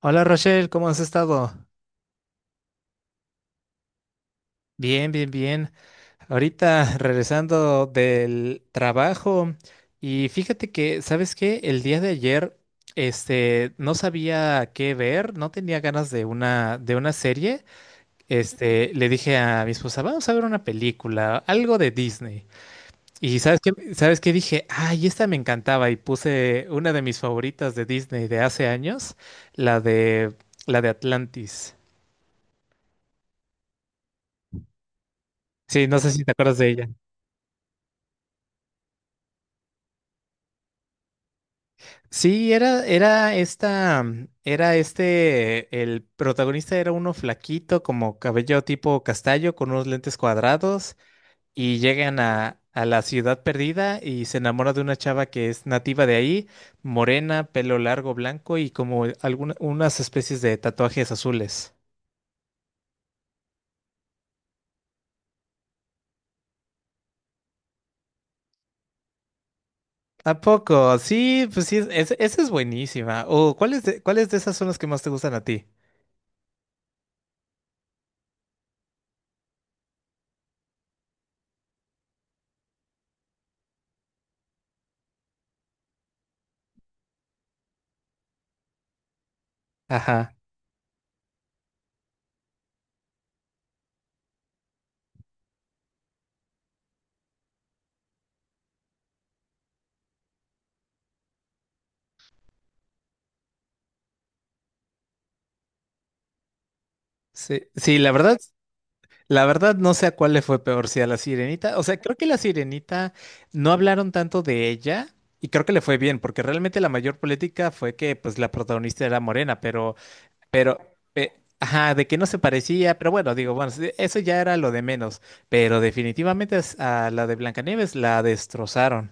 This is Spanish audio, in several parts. Hola Rochelle, ¿cómo has estado? Bien, bien, bien. Ahorita regresando del trabajo y fíjate que, ¿sabes qué? El día de ayer, no sabía qué ver, no tenía ganas de una serie. Le dije a mi esposa, vamos a ver una película, algo de Disney. Y ¿sabes qué? ¿Sabes qué? Dije, ay, esta me encantaba y puse una de mis favoritas de Disney de hace años, la de, la de Atlantis. Sí, no sé si te acuerdas de ella. Sí, era el protagonista era uno flaquito, como cabello tipo castaño, con unos lentes cuadrados, y llegan a la ciudad perdida y se enamora de una chava que es nativa de ahí, morena, pelo largo, blanco y como algunas unas especies de tatuajes azules. ¿A poco? Sí, pues sí, esa es buenísima. O cuáles de esas son las que más te gustan a ti? Ajá. Sí, sí, la verdad. La verdad no sé a cuál le fue peor, si a la Sirenita, o sea, creo que la Sirenita no hablaron tanto de ella y creo que le fue bien, porque realmente la mayor política fue que pues la protagonista era morena, pero, pero, pe- ajá, de que no se parecía, pero bueno, digo, bueno, sí, eso ya era lo de menos, pero definitivamente a la de Blancanieves la destrozaron.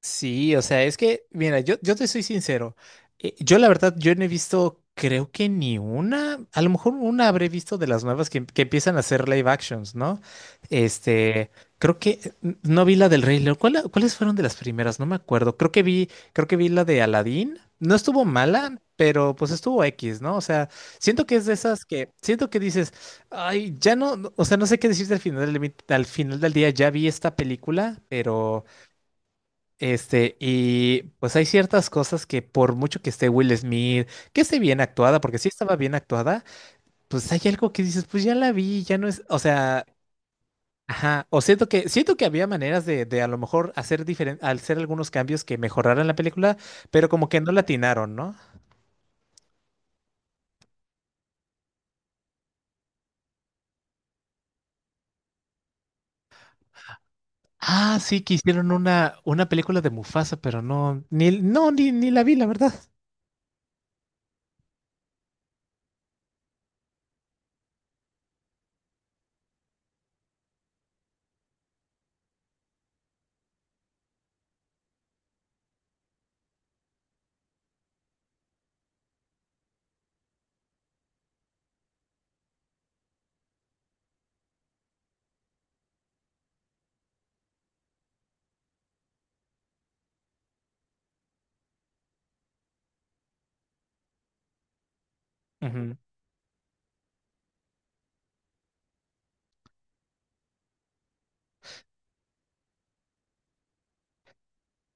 Sí, o sea, es que, mira, yo te soy sincero. Yo la verdad, yo no he visto, creo que ni una, a lo mejor una habré visto de las nuevas que empiezan a hacer live actions, ¿no? Este, creo que no vi la del Rey León. Cuáles fueron de las primeras? No me acuerdo. Creo que vi la de Aladdin. No estuvo mala, pero pues estuvo X, ¿no? O sea, siento que es de esas que, siento que dices, ay, ya o sea, no sé qué decirte al final al final del día, ya vi esta película, pero... y pues hay ciertas cosas que por mucho que esté Will Smith, que esté bien actuada, porque sí estaba bien actuada, pues hay algo que dices, pues ya la vi, ya no es, o sea, ajá, o siento que había maneras de a lo mejor hacer diferente, hacer algunos cambios que mejoraran la película, pero como que no la atinaron, ¿no? Ah, sí, que hicieron una película de Mufasa, pero ni la vi, la verdad. Ujú.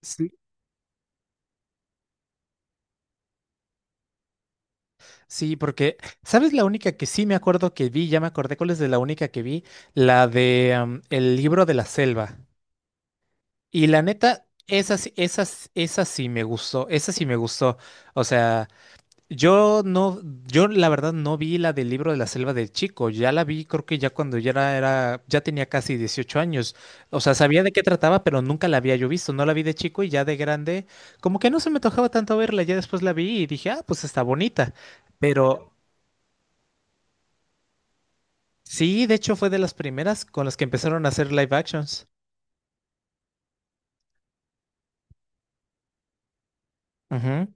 Sí. Sí, porque, ¿sabes la única que sí me acuerdo que vi? Ya me acordé cuál es de la única que vi, la de El libro de la selva. Y la neta, esa sí me gustó, esa sí me gustó. O sea, yo no, yo la verdad no vi la del libro de la selva de chico, ya la vi creo que ya cuando ya ya tenía casi 18 años. O sea, sabía de qué trataba, pero nunca la había yo visto, no la vi de chico y ya de grande, como que no se me tocaba tanto verla, ya después la vi y dije, ah, pues está bonita, pero... Sí, de hecho fue de las primeras con las que empezaron a hacer live actions. Ujú.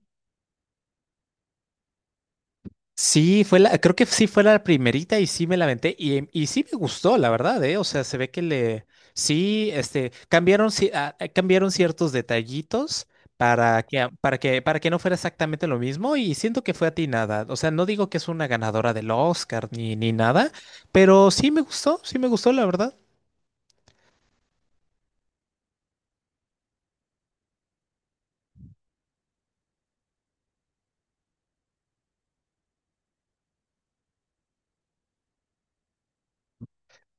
Sí, fue la, creo que sí fue la primerita y sí me la aventé y, y sí me gustó, la verdad, ¿eh? O sea, se ve que le, sí, cambiaron, cambiaron ciertos detallitos para que, a- para que no fuera exactamente lo mismo y siento que fue atinada. O sea, no digo que es una ganadora del Oscar ni, ni nada, pero sí me gustó, la verdad.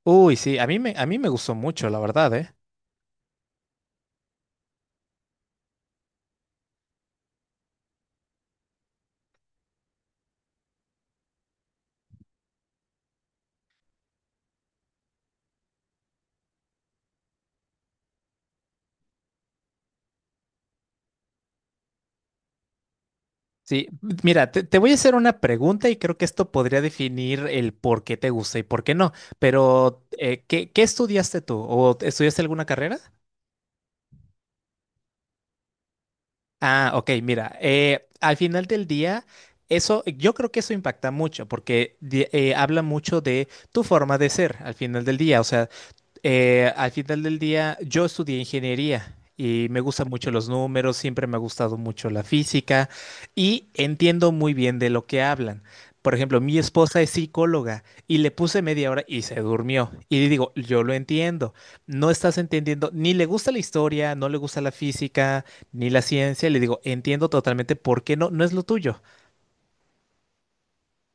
Uy, sí, a mí me gustó mucho, la verdad, ¿eh? Sí, mira, te voy a hacer una pregunta y creo que esto podría definir el por qué te gusta y por qué no, pero ¿qué, qué estudiaste tú? ¿O estudiaste alguna carrera? Ah, ok, mira, al final del día, eso, yo creo que eso impacta mucho porque habla mucho de tu forma de ser al final del día, o sea, al final del día, yo estudié ingeniería y me gustan mucho los números, siempre me ha gustado mucho la física y entiendo muy bien de lo que hablan. Por ejemplo, mi esposa es psicóloga y le puse media hora y se durmió. Y le digo, yo lo entiendo, no estás entendiendo, ni le gusta la historia, no le gusta la física, ni la ciencia. Le digo, entiendo totalmente por qué no, no es lo tuyo.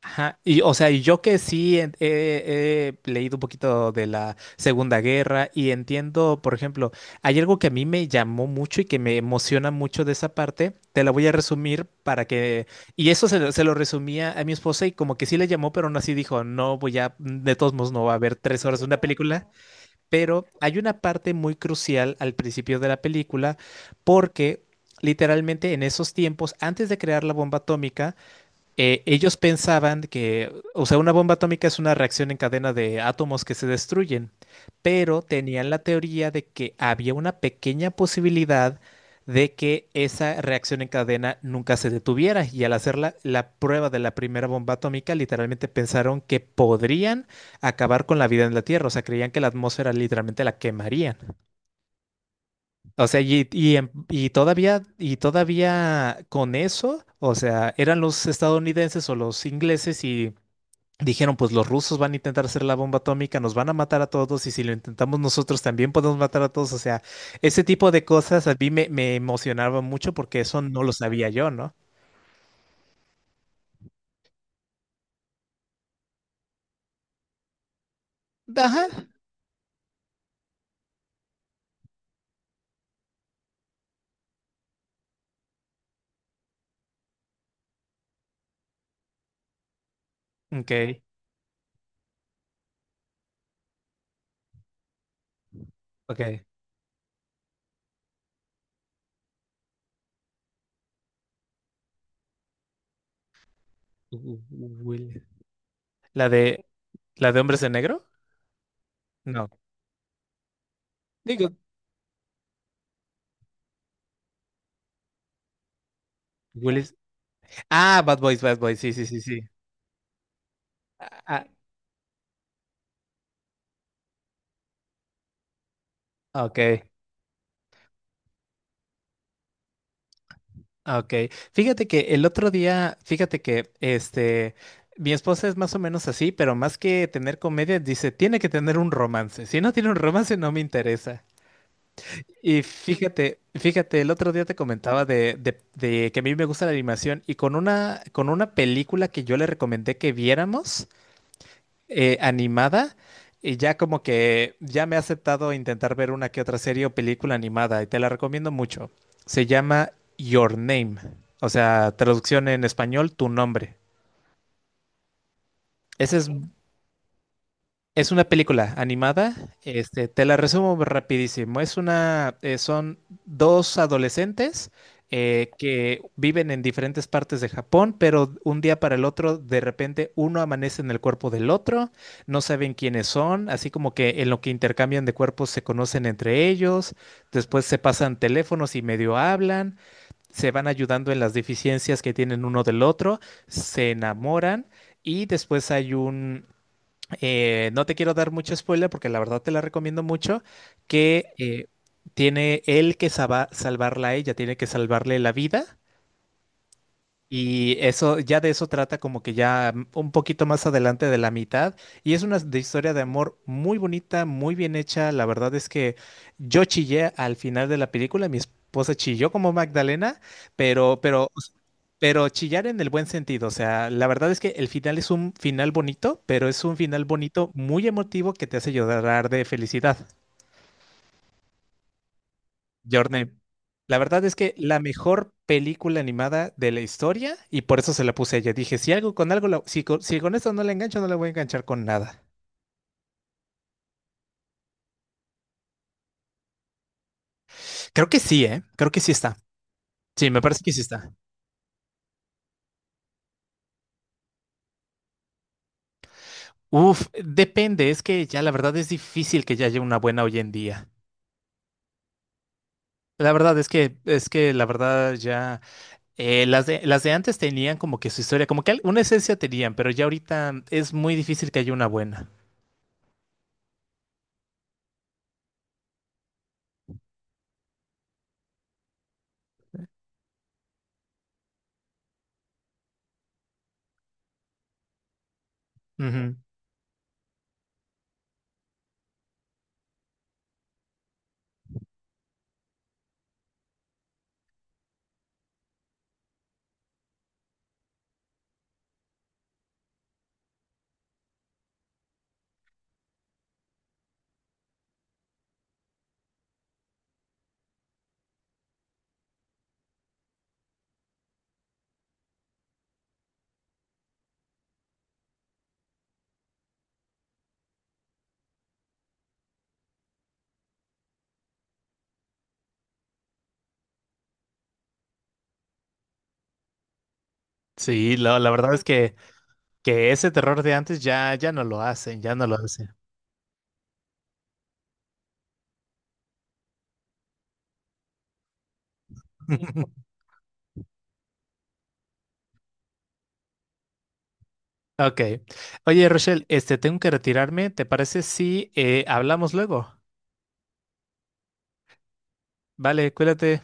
Ajá, y o sea, y yo que sí he leído un poquito de la Segunda Guerra y entiendo, por ejemplo, hay algo que a mí me llamó mucho y que me emociona mucho de esa parte, te la voy a resumir para que, y lo se lo resumía a mi esposa y como que sí le llamó, pero aún así dijo, no voy a, de todos modos no va a haber 3 horas de una película, pero hay una parte muy crucial al principio de la película porque... Literalmente en esos tiempos, antes de crear la bomba atómica, ellos pensaban que, o sea, una bomba atómica es una reacción en cadena de átomos que se destruyen, pero tenían la teoría de que había una pequeña posibilidad de que esa reacción en cadena nunca se detuviera y al hacer la prueba de la primera bomba atómica literalmente pensaron que podrían acabar con la vida en la Tierra, o sea, creían que la atmósfera literalmente la quemarían. O sea, y todavía con eso, o sea, eran los estadounidenses o los ingleses y dijeron, pues los rusos van a intentar hacer la bomba atómica, nos van a matar a todos y si lo intentamos nosotros también podemos matar a todos. O sea, ese tipo de cosas a mí me, me emocionaba mucho porque eso no lo sabía yo, ¿no? Ajá. Ok, ok. U- Will- La de, la de hombres de negro. No. Digo, Willis. Ah, Bad Boys, Bad Boys, sí, sí, sí, sí. Ah, ah, ok. Ah, ok, fíjate que el otro día, fíjate que mi esposa es más o menos así, pero más que tener comedia, dice, tiene que tener un romance. Si no tiene un romance, no me interesa. Y fíjate, fíjate, el otro día te comentaba de que a mí me gusta la animación y con con una película que yo le recomendé que viéramos animada y ya como que ya me ha aceptado intentar ver una que otra serie o película animada y te la recomiendo mucho. Se llama Your Name, o sea, traducción en español, tu nombre. Esa es... Es una película animada, te la resumo rapidísimo. Es una, son dos adolescentes que viven en diferentes partes de Japón, pero un día para el otro, de repente uno amanece en el cuerpo del otro, no saben quiénes son, así como que en lo que intercambian de cuerpos se conocen entre ellos, después se pasan teléfonos y medio hablan, se van ayudando en las deficiencias que tienen uno del otro, se enamoran y después hay un no te quiero dar mucho spoiler porque la verdad te la recomiendo mucho, que tiene él que salvarla a ella, tiene que salvarle la vida. Y eso, ya de eso trata como que ya un poquito más adelante de la mitad. Y es de historia de amor muy bonita, muy bien hecha. La verdad es que yo chillé al final de la película, mi esposa chilló como Magdalena, pero, pero pero chillar en el buen sentido, o sea, la verdad es que el final es un final bonito, pero es un final bonito muy emotivo que te hace llorar de felicidad. Your Name. La verdad es que la mejor película animada de la historia y por eso se la puse a ella. Dije, si algo con algo, si con esto no la engancho, no la voy a enganchar con nada. Creo que sí, ¿eh? Creo que sí está. Sí, me parece que sí está. Uf, depende, es que ya la verdad es difícil que ya haya una buena hoy en día. La verdad es que la verdad ya... las de antes tenían como que su historia, como que una esencia tenían, pero ya ahorita es muy difícil que haya una buena. Ujú. Sí, la verdad es que ese terror de antes ya, ya no lo hacen, ya no lo hacen. Ok. Oye, Rochelle, tengo que retirarme. ¿Te parece si hablamos luego? Vale, cuídate.